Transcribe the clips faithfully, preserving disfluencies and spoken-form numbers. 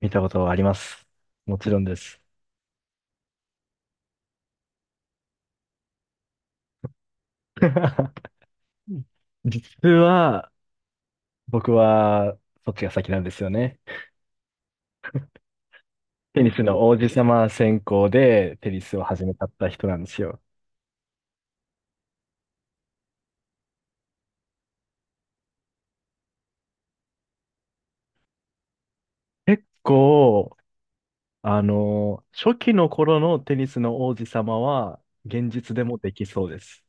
見たことはあります。もちろんです。実は、僕は、そっちが先なんですよね。テニスの王子様専攻でテニスを始めたった人なんですよ。結構、あの、初期の頃のテニスの王子様は、現実でもできそうです。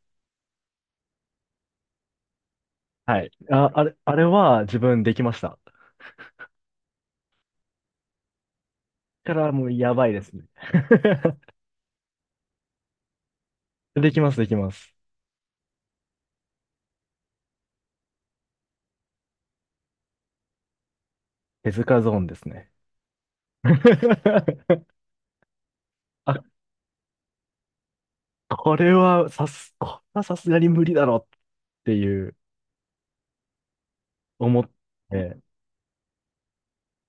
はい。あ、あれ、あれは自分できました。だからもうやばいですね。できます、できます。手塚ゾーンですね。アこれはさす、これはさすがに無理だろっていう思って、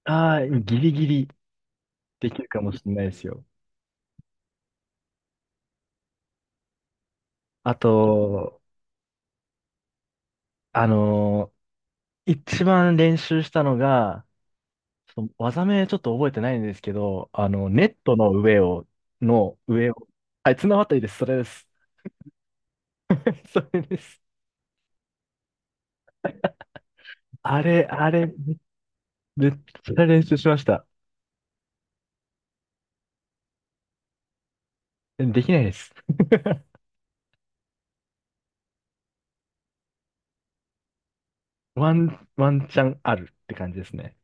ああ、ギリギリできるかもしれないですよ。あと、あのー一番練習したのが、ちょっと技名ちょっと覚えてないんですけど、あの、ネットの上を、の上を、はい、綱渡りです、それです。それです。あれ、あれ、めめっちゃ練習しました。できないです。ワン、ワンチャンあるって感じですね。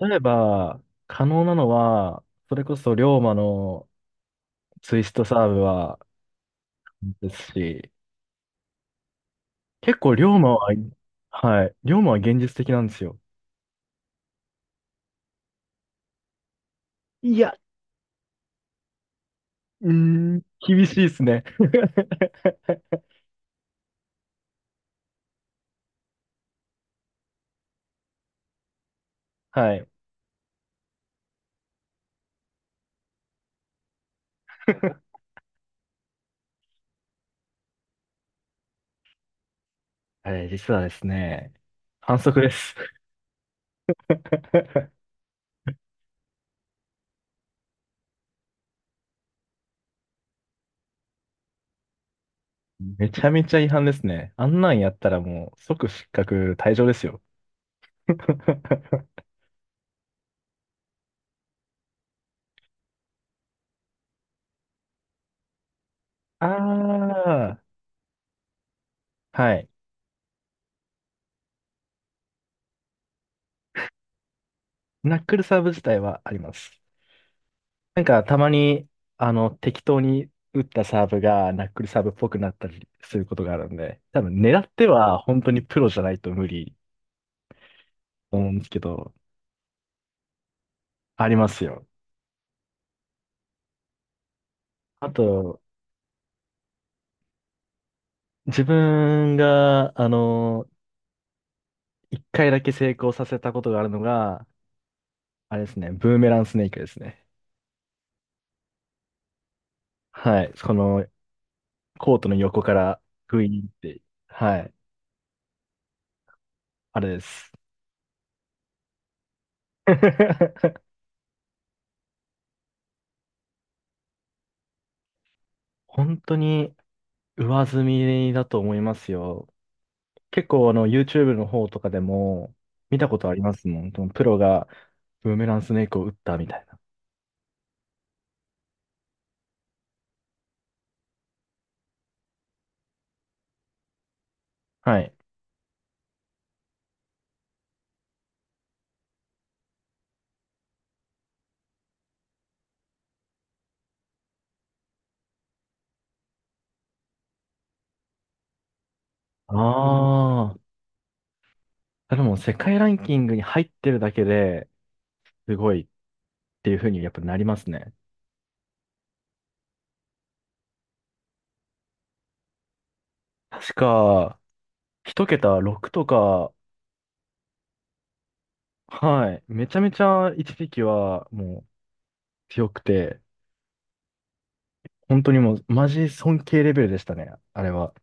例えば、可能なのは、それこそ龍馬のツイストサーブはですし、結構龍馬は、はい、龍馬は現実的なんですよ。いや、うーん、厳しいですね。はい。あれ、実はですね、反則です。めちゃめちゃ違反ですね。あんなんやったらもう即失格退場ですよ。ああ、はい。ナックルサーブ自体はあります。なんかたまに、あの、適当に打ったサーブがナックルサーブっぽくなったりすることがあるんで、多分狙っては本当にプロじゃないと無理と思うんですけど、ありますよ。あと、自分が、あの、一回だけ成功させたことがあるのが、あれですね、ブーメランスネークですね。はい。このコートの横からグイーンって、はい。あれです。本当に上積みだと思いますよ。結構あの YouTube の方とかでも見たことありますもん。そのプロがブーメランスネークを打ったみたいな。はい。ああ。でも世界ランキングに入ってるだけですごいっていうふうにやっぱなりますね。確か、一桁ろくとか、はい。めちゃめちゃ一時期はもう強くて、本当にもうマジ尊敬レベルでしたね。あれは。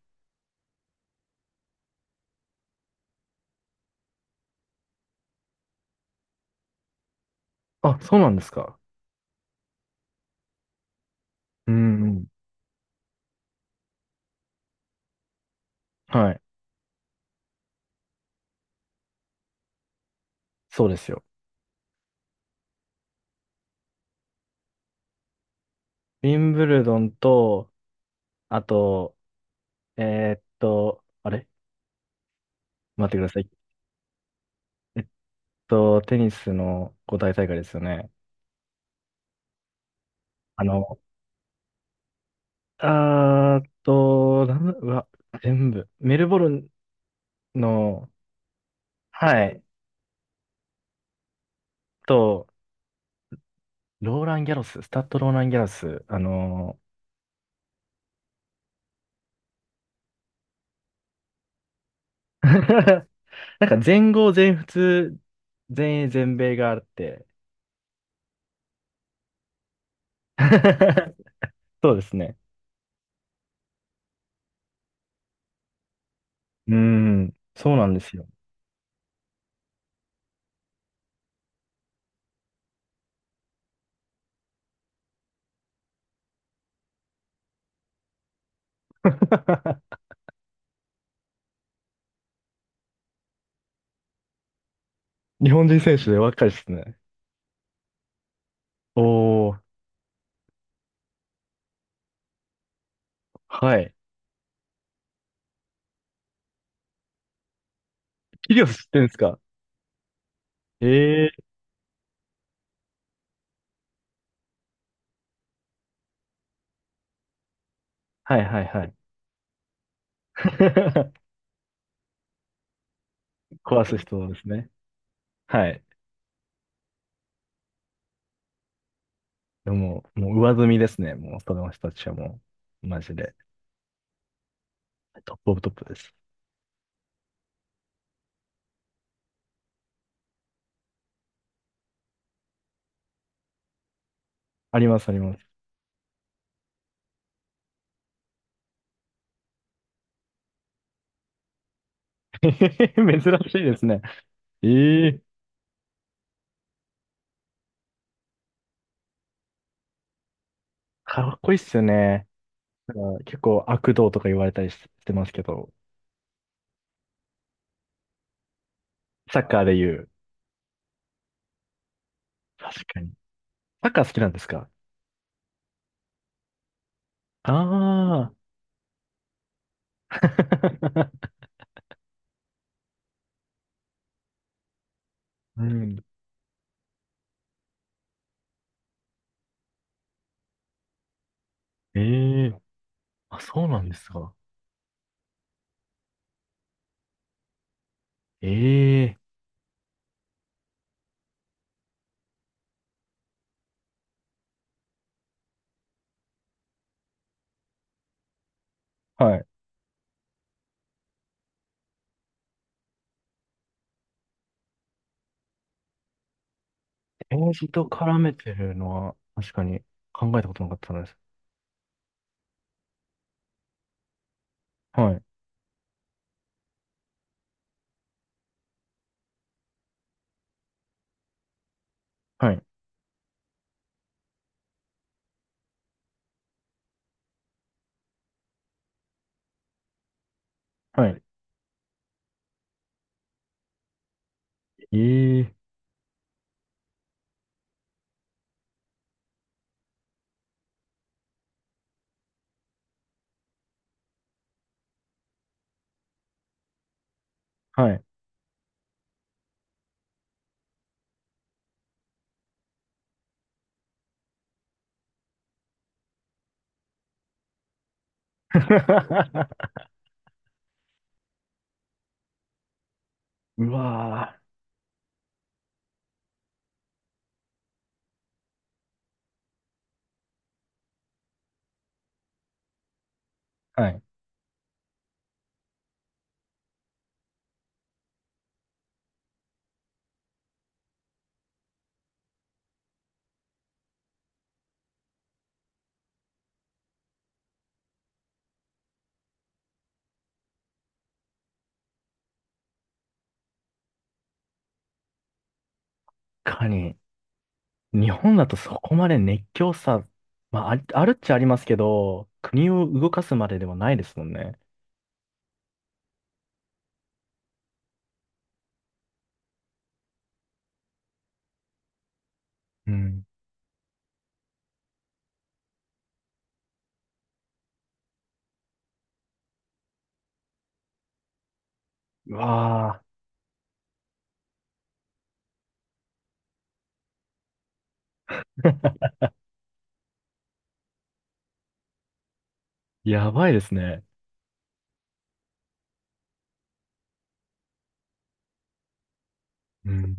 あ、そうなんですか。うんうん。はい。そうですよ。ウィンブルドンと、あと、えーっと、あれ待ってください。えっと、テニスの五大大会ですよね。あの、あーっと、なんだ、うわ、全部。メルボルンの、はい、と、ローラン・ギャロス、スタッド・ローラン・ギャロス、あの なんか全豪、全仏、全英、全米があって。そうですね。うーん、そうなんですよ。日本人選手で若いですね。おー、はい。キリオス知ってるんですかえはいはいはい。壊す人ですね。はい。でも、もう上積みですね。もう、その人たちはもう、マジで、トップオブトップです。ありますあります。珍しいですね。ええかっこいいっすよね。なんか結構悪道とか言われたりししてますけど、サッカーで言う。確かに。サッカー好きなんですかああー。うん。ええあ、そうなんですか。ええはい。政治と絡めてるのは確かに考えたことなかったです。はい。はい。はい。ええはい。うわぁはい。ー。確かに。日本だとそこまで熱狂さ、まあ、ありあるっちゃありますけど、国を動かすまでではないですもんね。うん。うわー。やばいですね。うん。